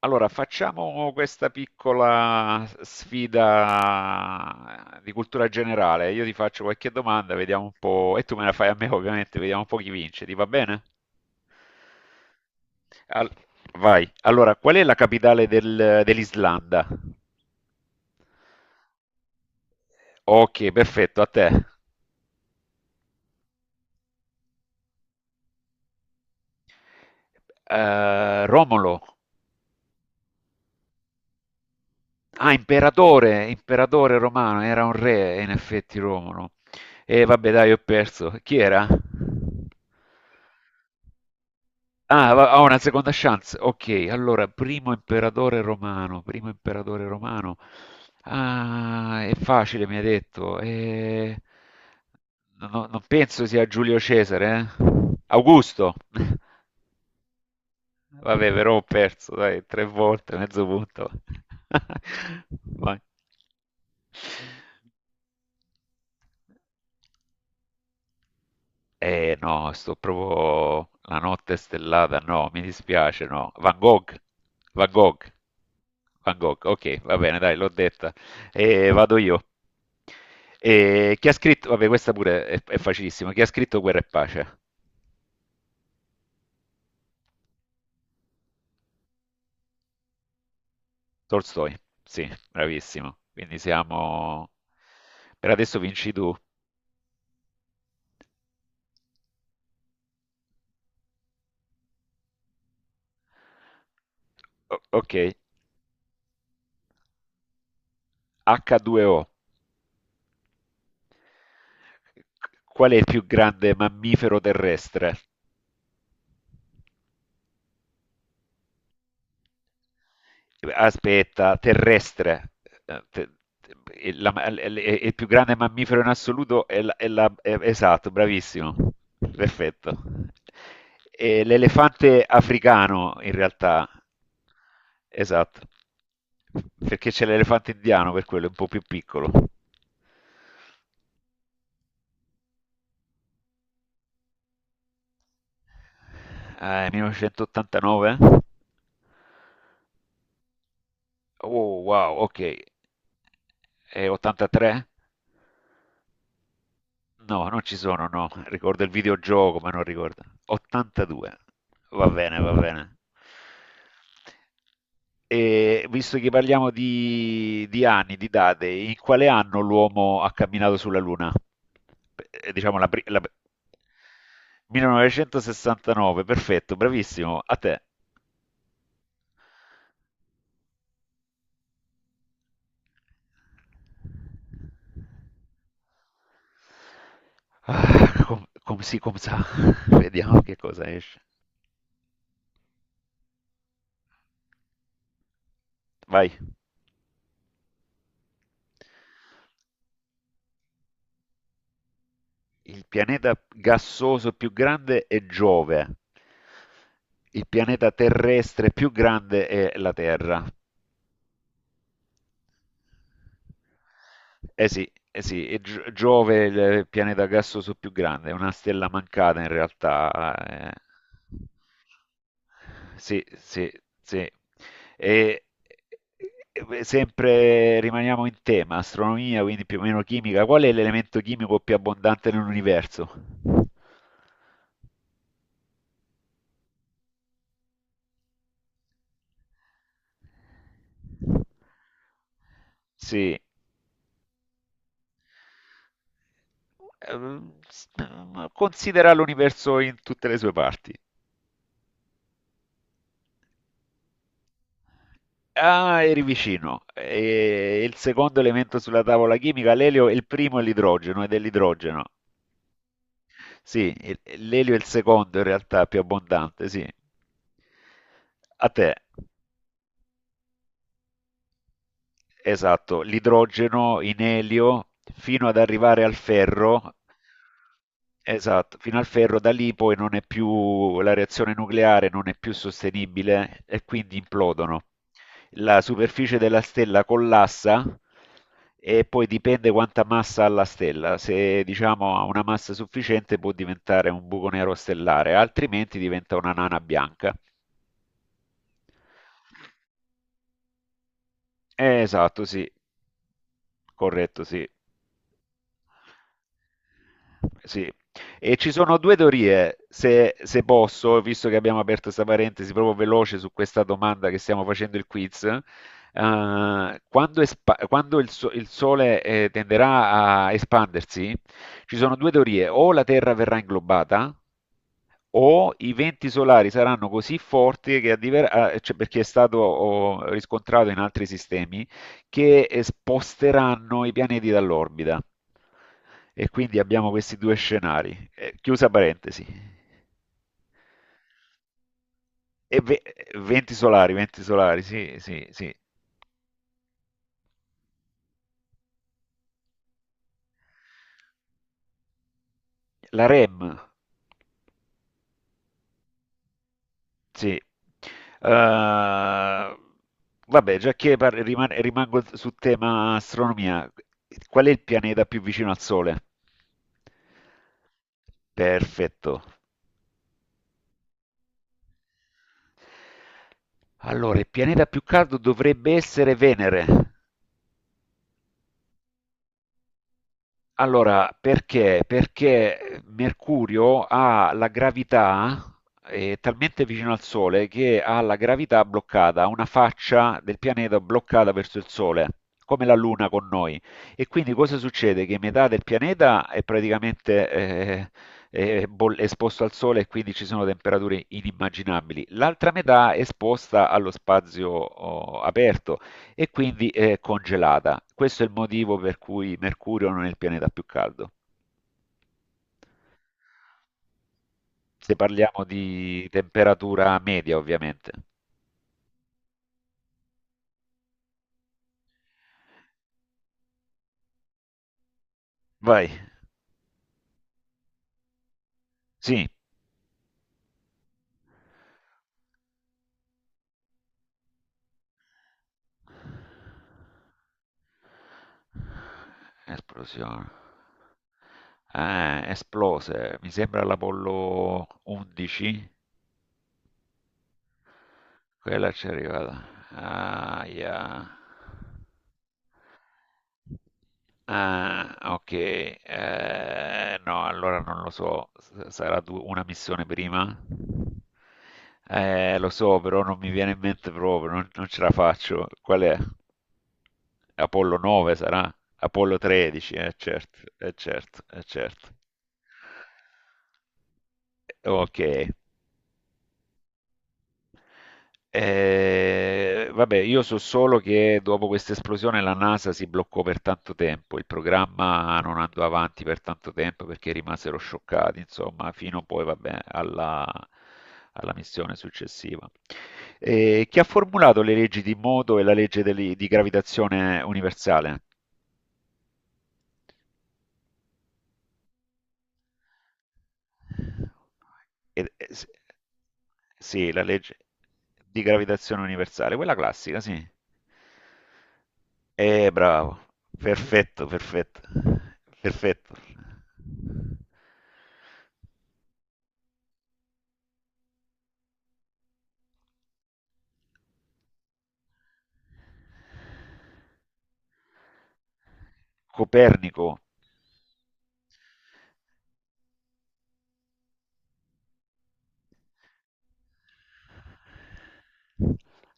Allora, facciamo questa piccola sfida di cultura generale. Io ti faccio qualche domanda, vediamo un po', e tu me la fai a me, ovviamente, vediamo un po' chi vince. Ti va bene? Al- Vai. Allora, qual è la capitale dell'Islanda? Ok, perfetto, a te. Romolo. Ah, imperatore, imperatore romano, era un re, in effetti Romolo. E vabbè, dai, ho perso. Chi era? Ah, ho una seconda chance. Ok, allora, primo imperatore romano, primo imperatore romano. Ah, è facile, mi ha detto. Non penso sia Giulio Cesare, eh? Augusto. Vabbè, però ho perso, dai, tre volte, mezzo punto. Vai. Eh no, sto proprio la notte stellata, no, mi dispiace, no. Van Gogh, Van Gogh, Van Gogh, ok, va bene, dai, l'ho detta. Vado io. Chi ha scritto, vabbè, questa pure è facilissima, chi ha scritto Guerra e Pace? Tolstoi, sì, bravissimo. Quindi siamo. Per adesso vinci tu. Ok, H2O. Qual è il più grande mammifero terrestre? Aspetta, terrestre. Eh, te- il più grande mammifero in assoluto è, esatto, bravissimo, perfetto. E l'elefante africano, in realtà, esatto, perché c'è l'elefante indiano, per quello è un po' più piccolo. Ah, è 1989? Oh, wow, ok. È 83? No, non ci sono, no. Ricordo il videogioco, ma non ricordo. 82. Va bene, va bene. E visto che parliamo di anni, di date, in quale anno l'uomo ha camminato sulla Luna? Eh, Diciamo la, pri- la- 1969, perfetto, bravissimo, a te. Ah, sì, com sa. Vediamo che cosa esce. Vai. Il pianeta gassoso più grande è Giove. Il pianeta terrestre più grande è la Terra. Sì, eh sì, e Giove è il pianeta gassoso più grande, è una stella mancata in realtà. Sì, sì, sì. E, Sempre rimaniamo in tema, astronomia, quindi più o meno chimica. Qual è l'elemento chimico più abbondante nell'universo? Sì. Ehm, s- Considera l'universo in tutte le sue parti. Ah, eri vicino. E il secondo elemento sulla tavola chimica, l'elio, il primo è l'idrogeno, ed è l'idrogeno. Sì, l'elio è il secondo in realtà più abbondante, sì. A te. Esatto, l'idrogeno in elio fino ad arrivare al ferro. Esatto, fino al ferro da lì poi non è più la reazione nucleare non è più sostenibile e quindi implodono. La superficie della stella collassa e poi dipende quanta massa ha la stella. Se diciamo ha una massa sufficiente può diventare un buco nero stellare, altrimenti diventa una nana bianca. Esatto, sì, corretto, sì. Sì, e ci sono 2 teorie, se posso, visto che abbiamo aperto 'sta parentesi proprio veloce su questa domanda che stiamo facendo il quiz, quando espa quando il Sole, tenderà a espandersi, ci sono 2 teorie: o la Terra verrà inglobata o i venti solari saranno così forti che cioè, perché è stato riscontrato in altri sistemi che sposteranno i pianeti dall'orbita. E quindi abbiamo questi due scenari. Chiusa parentesi. E ve- Venti solari, venti solari, sì, sì, sì. La REM. Sì. Eh, Vabbè, già che rimango su tema astronomia, qual è il pianeta più vicino al Sole? Perfetto. Allora, il pianeta più caldo dovrebbe essere Venere. Allora, perché? Perché Mercurio ha la gravità, è talmente vicino al Sole che ha la gravità bloccata, ha una faccia del pianeta bloccata verso il Sole, come la Luna con noi. E quindi cosa succede? Che metà del pianeta è praticamente è esposto al Sole e quindi ci sono temperature inimmaginabili. L'altra metà è esposta allo spazio aperto e quindi è congelata. Questo è il motivo per cui Mercurio non è il pianeta più caldo. Se parliamo di temperatura media, ovviamente. Vai. Sì. Esplosione. Ah, esplose. Mi sembra l'Apollo 11. Quella ci è arrivata. Aia. Ah, ok. No, allora non lo so. Sarà una missione prima? Lo so, però non mi viene in mente proprio, non ce la faccio. Qual è? Apollo 9 sarà? Apollo 13, eh certo, eh certo, eh certo. Ok, vabbè, io so solo che dopo questa esplosione la NASA si bloccò per tanto tempo, il programma non andò avanti per tanto tempo perché rimasero scioccati, insomma, fino poi, vabbè, alla missione successiva. Chi ha formulato le leggi di moto e la legge di gravitazione universale? Ed- eh, s- sì, la legge di gravitazione universale, quella classica, sì. Bravo. Perfetto, perfetto. Perfetto. Copernico.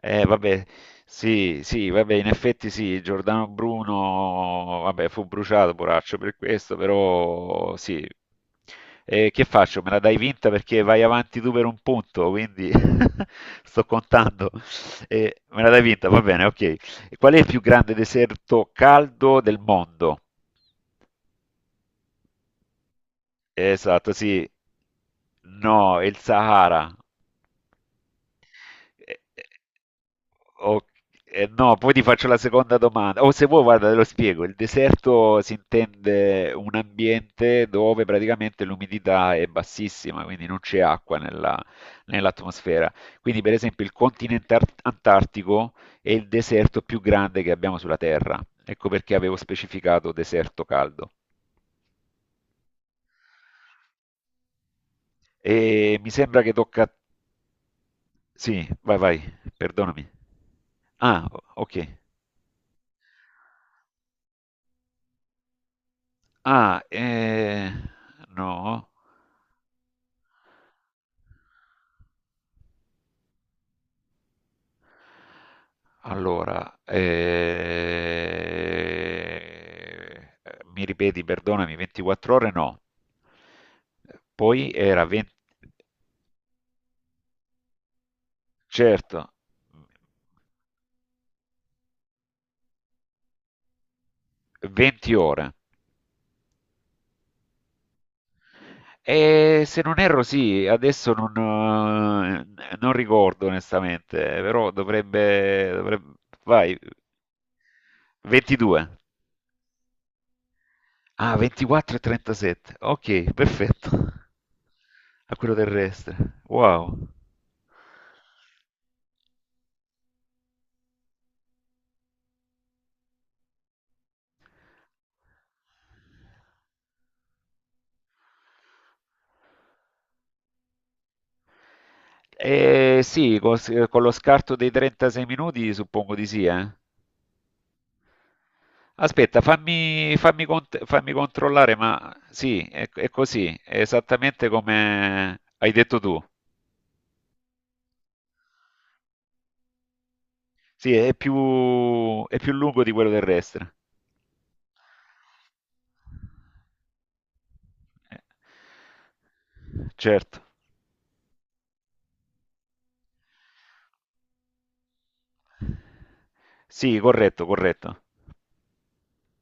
Vabbè, sì, sì, vabbè, in effetti sì, Giordano Bruno, vabbè, fu bruciato, poraccio, per questo, però sì. Che faccio? Me la dai vinta perché vai avanti tu per un punto, quindi sto contando. Me la dai vinta, va bene, ok. Qual è il più grande deserto caldo del mondo? Esatto, sì. No, è il Sahara. Eh, eh, ok, no, poi ti faccio la seconda domanda. O se vuoi, guarda, te lo spiego. Il deserto si intende un ambiente dove praticamente l'umidità è bassissima, quindi non c'è acqua nell'atmosfera. Quindi, per esempio, il continente antartico è il deserto più grande che abbiamo sulla Terra. Ecco perché avevo specificato deserto caldo. E mi sembra che tocca a. Sì, vai, vai, perdonami. Ah, ok. Ah, no. Allora, mi ripeti, perdonami, 24 ore no. Poi era 20, certo, 20 ore. E se non erro, sì, adesso non ricordo onestamente, però dovrebbe. Vai, 22. Ah, 24 e 37. Ok, perfetto. A quello terrestre. Wow. Eh sì, con, lo scarto dei 36 minuti suppongo di sì. Aspetta, fammi controllare, ma sì, è così, è esattamente come hai detto tu. Sì, è più lungo di quello terrestre. Eh, Certo. Sì, corretto, corretto.